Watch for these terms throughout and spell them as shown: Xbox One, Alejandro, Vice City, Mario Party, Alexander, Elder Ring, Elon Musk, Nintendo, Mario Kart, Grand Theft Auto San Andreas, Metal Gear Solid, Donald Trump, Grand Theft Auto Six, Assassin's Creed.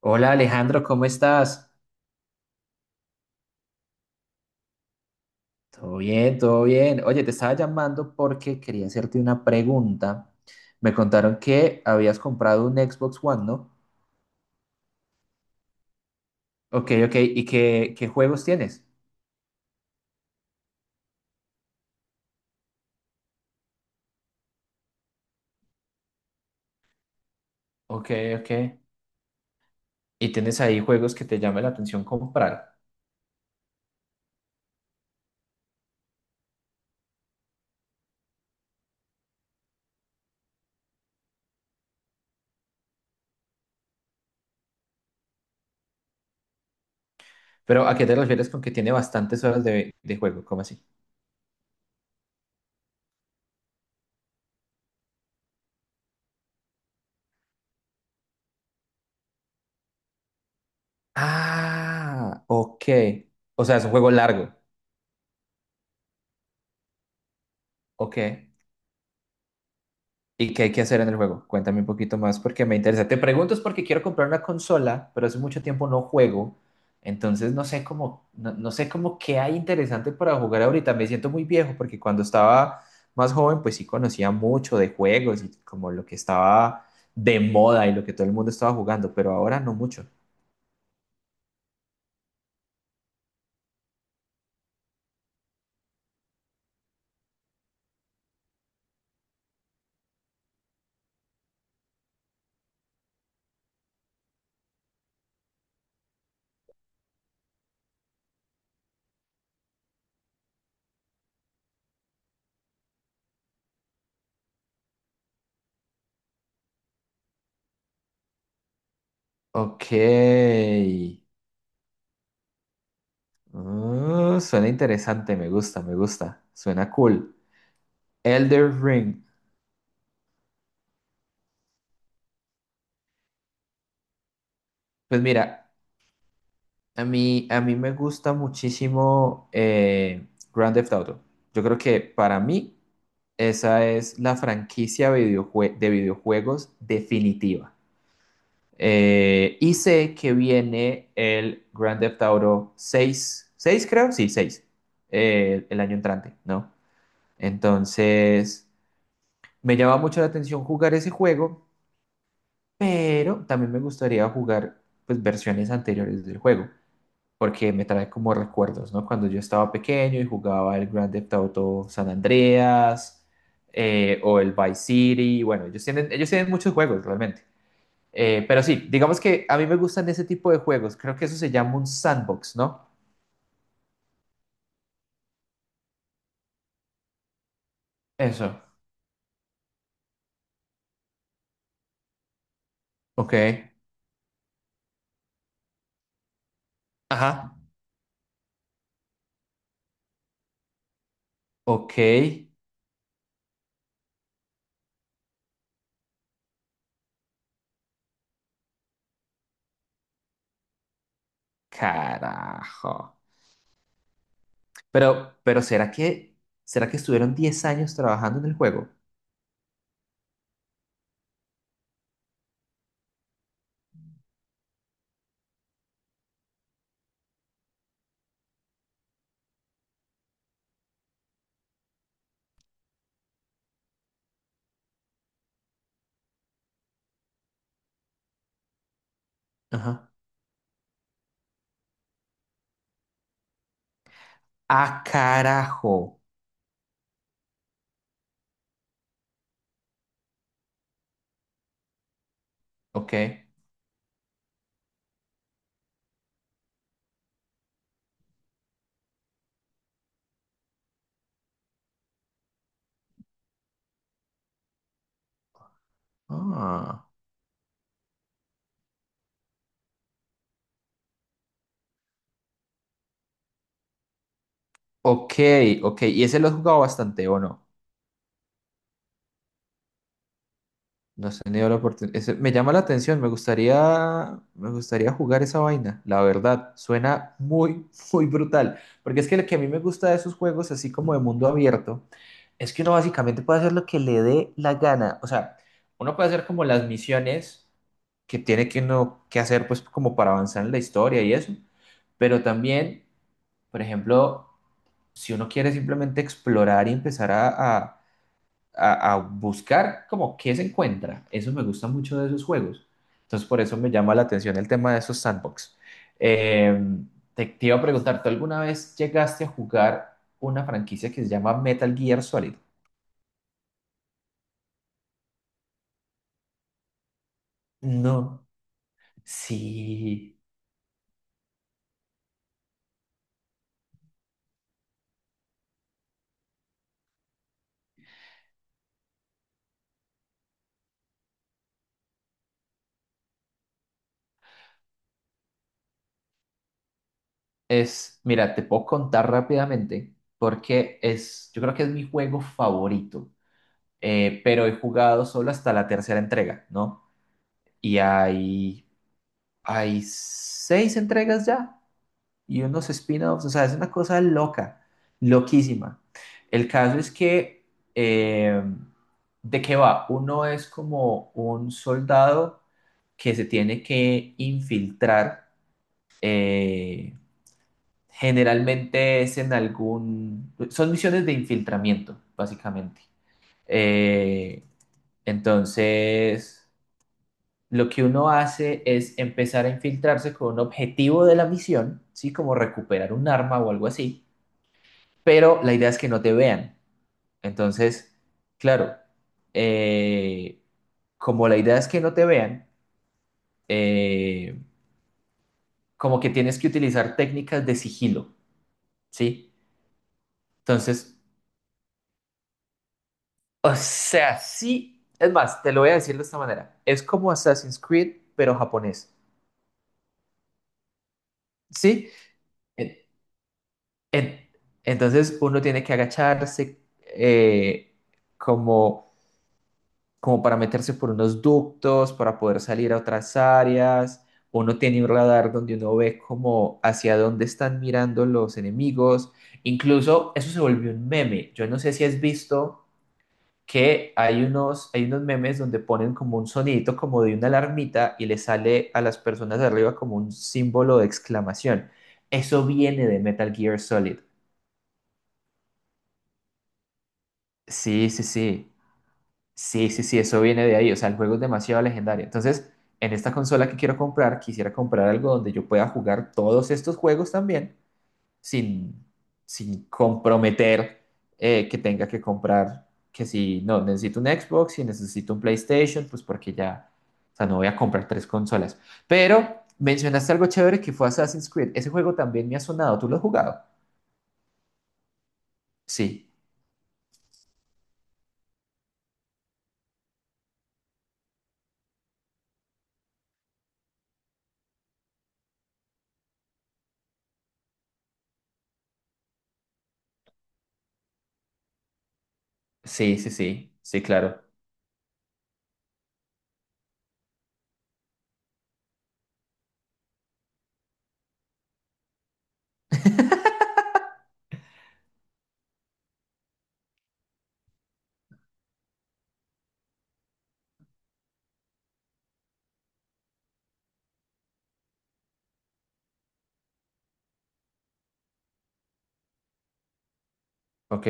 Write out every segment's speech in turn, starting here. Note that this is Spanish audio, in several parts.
Hola Alejandro, ¿cómo estás? Todo bien, todo bien. Oye, te estaba llamando porque quería hacerte una pregunta. Me contaron que habías comprado un Xbox One, ¿no? Ok, ok. ¿Y qué juegos tienes? Ok, ok. ¿Y tienes ahí juegos que te llame la atención comprar? Pero ¿a qué te refieres con que tiene bastantes horas de juego? ¿Cómo así? Ah, ok. O sea, es un juego largo. Ok. ¿Y qué hay que hacer en el juego? Cuéntame un poquito más porque me interesa. Te pregunto es porque quiero comprar una consola, pero hace mucho tiempo no juego. Entonces no sé cómo, no, no sé cómo qué hay interesante para jugar ahorita. Me siento muy viejo porque cuando estaba más joven, pues sí conocía mucho de juegos y como lo que estaba de moda y lo que todo el mundo estaba jugando, pero ahora no mucho. Ok. Mm, suena interesante, me gusta, me gusta. Suena cool. Elder Ring. Pues mira. A mí me gusta muchísimo Grand Theft Auto. Yo creo que para mí esa es la franquicia videojue- de videojuegos definitiva. Y sé que viene el Grand Theft Auto 6, 6 creo, sí, 6, el año entrante, ¿no? Entonces, me llama mucho la atención jugar ese juego, pero también me gustaría jugar pues versiones anteriores del juego, porque me trae como recuerdos, ¿no? Cuando yo estaba pequeño y jugaba el Grand Theft Auto San Andreas o el Vice City, bueno, ellos tienen muchos juegos realmente. Pero sí, digamos que a mí me gustan ese tipo de juegos, creo que eso se llama un sandbox, ¿no? Eso, ok, ajá, ok, carajo. Pero será que estuvieron 10 años trabajando en el juego? Ajá. Ah, carajo, ok. Ah. Ok, ok. ¿Y ese lo has jugado bastante o no? No has tenido la oportunidad. Ese me llama la atención, me gustaría jugar esa vaina, la verdad. Suena muy, muy brutal. Porque es que lo que a mí me gusta de esos juegos, así como de mundo abierto, es que uno básicamente puede hacer lo que le dé la gana. O sea, uno puede hacer como las misiones que tiene que uno que hacer, pues como para avanzar en la historia y eso. Pero también, por ejemplo, si uno quiere simplemente explorar y empezar a buscar como qué se encuentra. Eso me gusta mucho de esos juegos. Entonces, por eso me llama la atención el tema de esos sandbox. Eh, te iba a preguntar, ¿tú alguna vez llegaste a jugar una franquicia que se llama Metal Gear Solid? No, sí, es, mira, te puedo contar rápidamente porque es, yo creo que es mi juego favorito, pero he jugado solo hasta la tercera entrega, ¿no? Y hay 6 entregas ya, y unos spin-offs, o sea, es una cosa loca, loquísima. El caso es que, eh, ¿de qué va? Uno es como un soldado que se tiene que infiltrar, eh, generalmente es en algún, son misiones de infiltramiento, básicamente. Eh, entonces, lo que uno hace es empezar a infiltrarse con un objetivo de la misión, ¿sí? Como recuperar un arma o algo así, pero la idea es que no te vean. Entonces, claro, eh, como la idea es que no te vean, eh, como que tienes que utilizar técnicas de sigilo, ¿sí? Entonces, o sea, sí, es más, te lo voy a decir de esta manera, es como Assassin's Creed, pero japonés, ¿sí? En- en- entonces uno tiene que agacharse, eh, como como para meterse por unos ductos, para poder salir a otras áreas. Uno tiene un radar donde uno ve como hacia dónde están mirando los enemigos. Incluso eso se volvió un meme. Yo no sé si has visto que hay unos memes donde ponen como un sonidito como de una alarmita y le sale a las personas de arriba como un símbolo de exclamación. Eso viene de Metal Gear Solid. Sí, sí, sí. Sí, sí, sí, eso viene de ahí. O sea, el juego es demasiado legendario. Entonces, en esta consola que quiero comprar, quisiera comprar algo donde yo pueda jugar todos estos juegos también sin, sin comprometer que tenga que comprar, que si no, necesito un Xbox, si necesito un PlayStation, pues porque ya, o sea, no voy a comprar 3 consolas. Pero mencionaste algo chévere que fue Assassin's Creed. Ese juego también me ha sonado. ¿Tú lo has jugado? Sí, sí, sí, sí, sí, claro. Ok.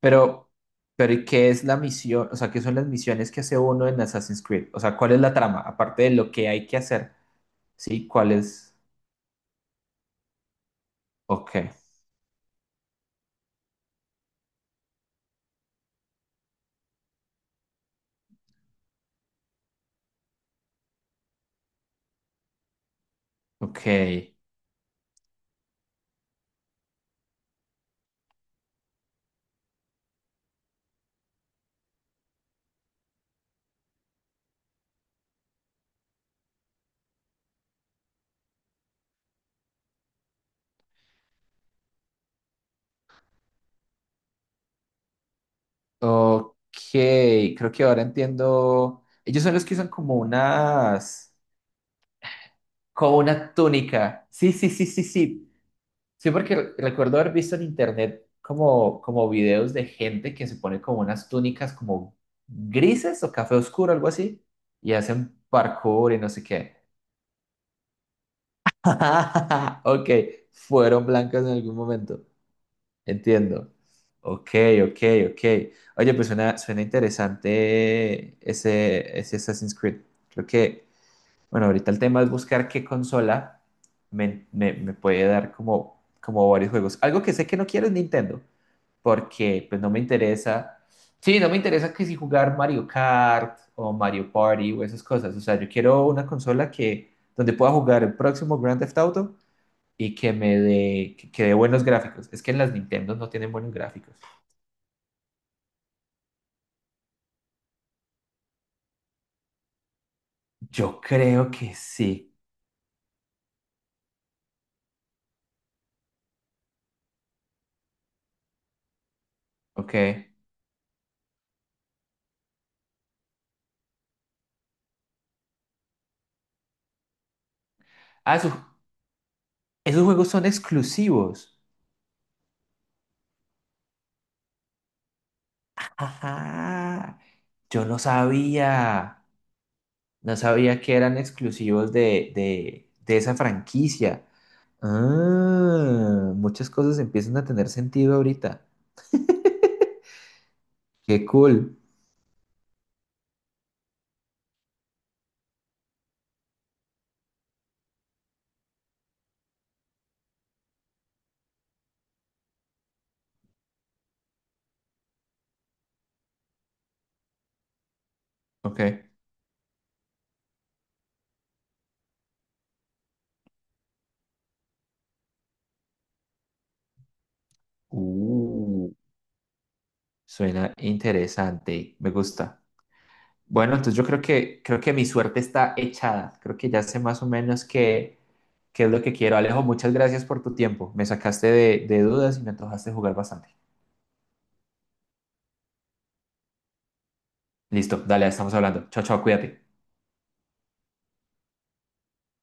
Pero, pero ¿y qué es la misión? O sea, ¿qué son las misiones que hace uno en Assassin's Creed? O sea, ¿cuál es la trama? Aparte de lo que hay que hacer, ¿sí? ¿Cuál es? Ok, ok, ok. Creo que ahora entiendo. Ellos son los que usan como unas, como una túnica. Sí, sí, sí, sí, sí. Sí, porque re- recuerdo haber visto en internet como, como videos de gente que se pone como unas túnicas como grises o café oscuro, algo así, y hacen parkour y no sé qué. Ok, fueron blancas en algún momento. Entiendo. Ok, ok, ok. Oye, pues suena, suena interesante ese, ese Assassin's Creed. Creo que, bueno, ahorita el tema es buscar qué consola me, me puede dar como, como varios juegos. Algo que sé que no quiero es Nintendo, porque pues no me interesa. Sí, no me interesa que si jugar Mario Kart o Mario Party o esas cosas. O sea, yo quiero una consola que, donde pueda jugar el próximo Grand Theft Auto y que me dé que dé buenos gráficos. Es que en las Nintendo no tienen buenos gráficos. Yo creo que sí. Ok. Ah, su- esos juegos son exclusivos. Ajá. Yo no sabía. No sabía que eran exclusivos de esa franquicia. Ah, muchas cosas empiezan a tener sentido ahorita. Qué cool. Ok. Uh, suena interesante. Me gusta. Bueno, entonces yo creo que mi suerte está echada. Creo que ya sé más o menos qué, qué es lo que quiero. Alejo, muchas gracias por tu tiempo. Me sacaste de dudas y me antojaste jugar bastante. Listo, dale, estamos hablando. Chao, chao, cuídate.